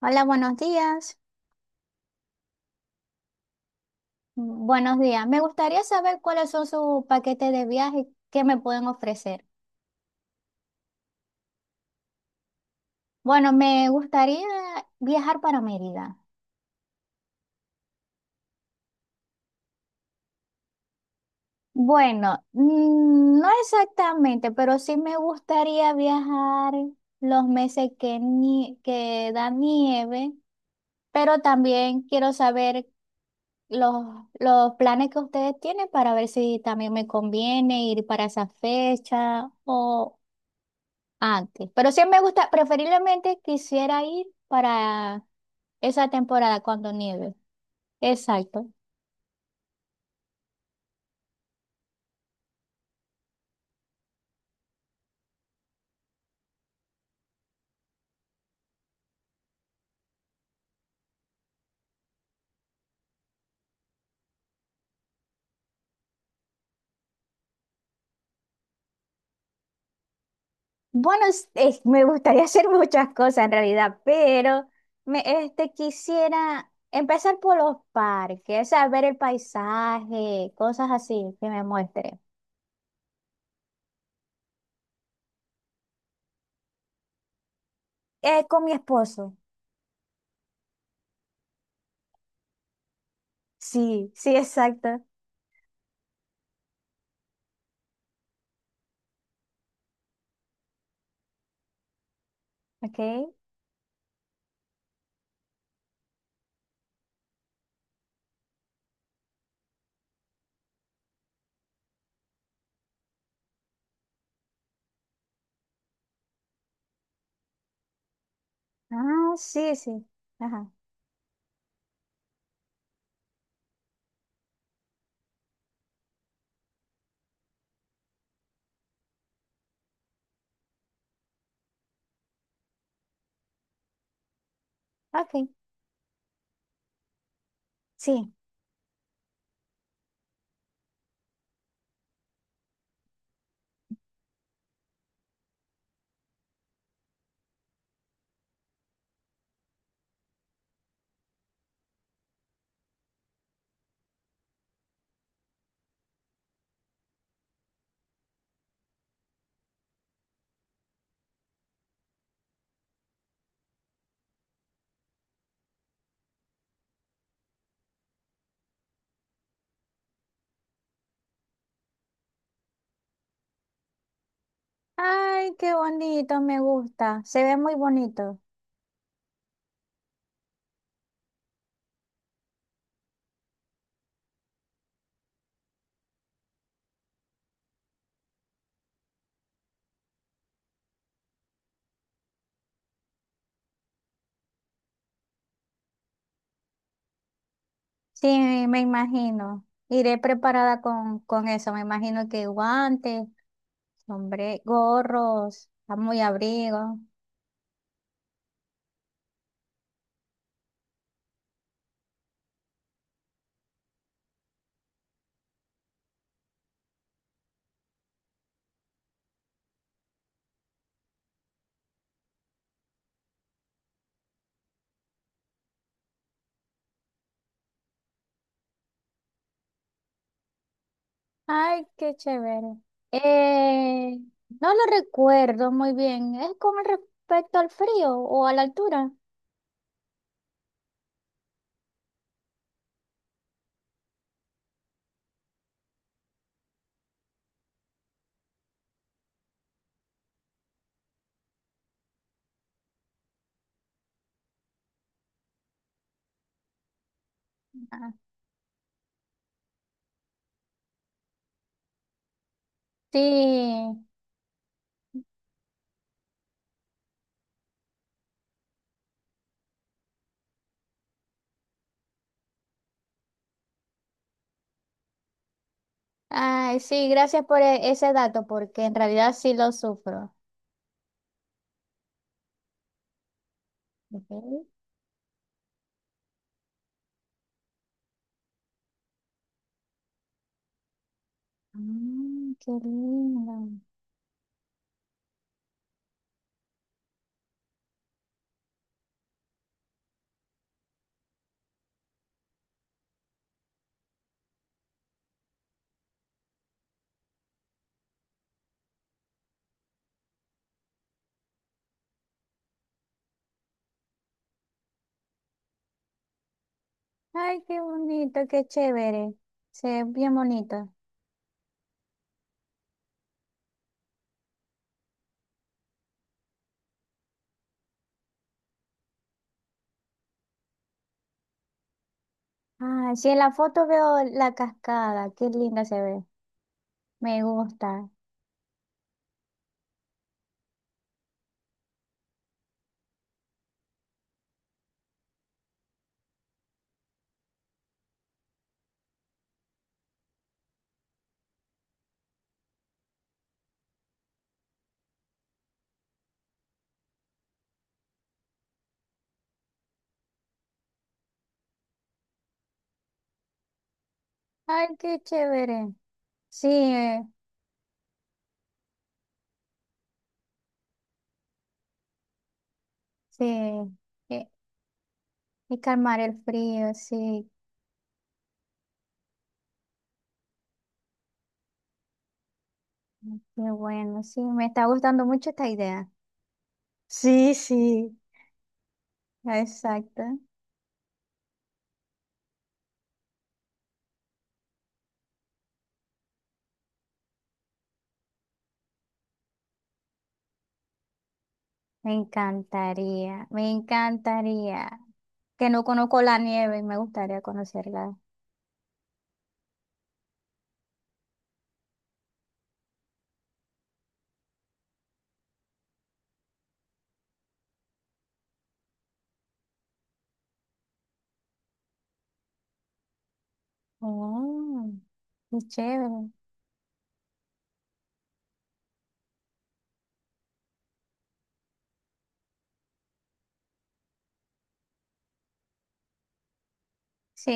Hola, buenos días. Buenos días. Me gustaría saber cuáles son sus paquetes de viaje que me pueden ofrecer. Bueno, me gustaría viajar para Mérida. Bueno, no exactamente, pero sí me gustaría viajar los meses que, que da nieve, pero también quiero saber los, los planes que ustedes tienen para ver si también me conviene ir para esa fecha o antes. Pero sí me gusta, preferiblemente quisiera ir para esa temporada cuando nieve. Exacto. Bueno, me gustaría hacer muchas cosas en realidad, pero me, este, quisiera empezar por los parques, o sea, ver el paisaje, cosas así que me muestre. Con mi esposo. Sí, sí, exacto. Ok. Ah, sí, sí. Ajá. Ok. Sí. Ay, qué bonito, me gusta. Se ve muy bonito. Sí, me imagino. Iré preparada con eso. Me imagino que guantes, hombre, gorros, muy abrigo. Ay, qué chévere. Eh, no lo recuerdo muy bien. ¿Es con respecto al frío o a la altura? Ah, sí. Ay, sí, gracias por ese dato, porque en realidad sí lo sufro. Ok. Mm, qué lindo. Ay, qué bonito, qué chévere. Se ve bien bonito. Ah, sí, en la foto veo la cascada, qué linda se ve, me gusta. Ay, qué chévere. Sí, sí, eh, y calmar el frío, sí, qué bueno, sí, me está gustando mucho esta idea. Sí, sí, exacto. Me encantaría, me encantaría. Que no conozco la nieve y me gustaría conocerla. Oh, qué chévere. Sí,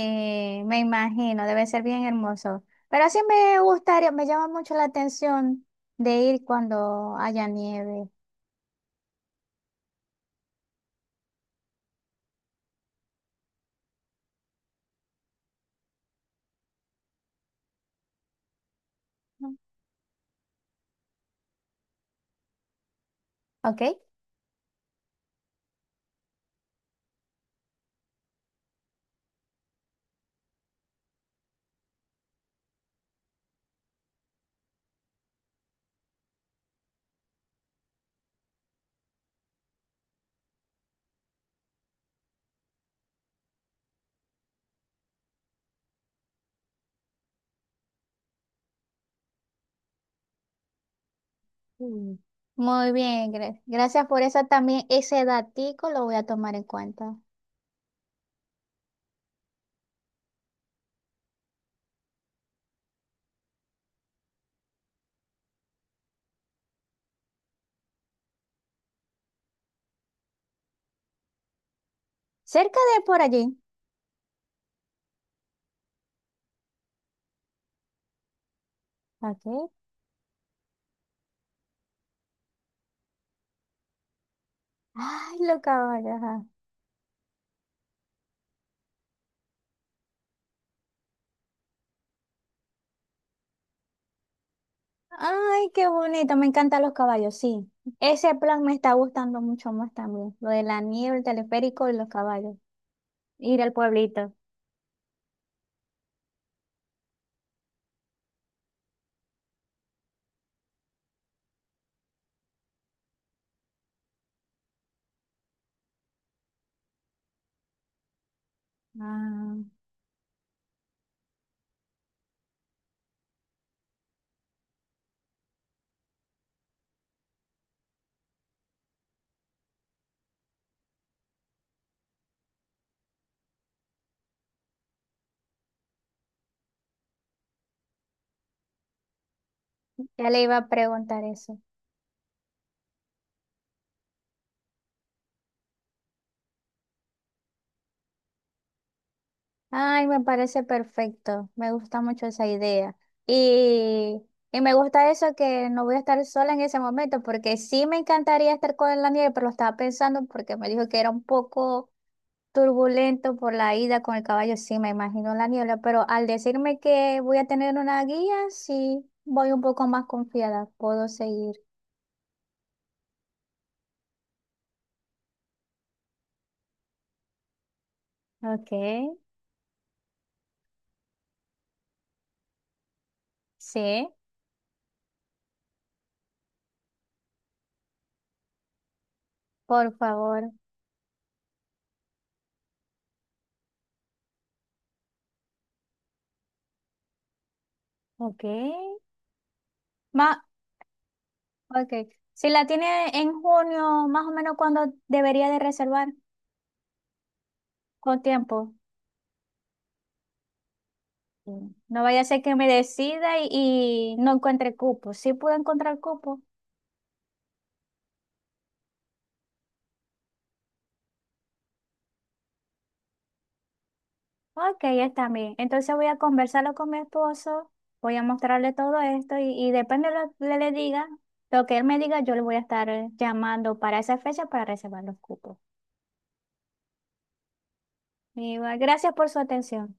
me imagino, debe ser bien hermoso. Pero sí me gustaría, me llama mucho la atención de ir cuando haya nieve. ¿No? ¿Ok? Mm. Muy bien, gracias por eso también. Ese datico lo voy a tomar en cuenta. Cerca de por allí. Ok. Ay, los caballos. Ajá. Ay, qué bonito, me encantan los caballos, sí. Ese plan me está gustando mucho más también. Lo de la nieve, el teleférico y los caballos. Ir al pueblito. Ah. Ya le iba a preguntar eso. Ay, me parece perfecto. Me gusta mucho esa idea. Y, y me gusta eso que no voy a estar sola en ese momento, porque sí me encantaría estar con la nieve, pero lo estaba pensando porque me dijo que era un poco turbulento por la ida con el caballo. Sí, me imagino la niebla, pero al decirme que voy a tener una guía, sí voy un poco más confiada. Puedo seguir. Ok, sí, por favor. Ok. Ok. Si la tiene en junio, más o menos cuando debería de reservar con tiempo. Mm. No vaya a ser que me decida y no encuentre cupo. Sí puedo encontrar cupo. Ok, está bien. Entonces voy a conversarlo con mi esposo, voy a mostrarle todo esto y depende de lo que le diga, lo que él me diga, yo le voy a estar llamando para esa fecha para reservar los cupos. Y, bueno, gracias por su atención.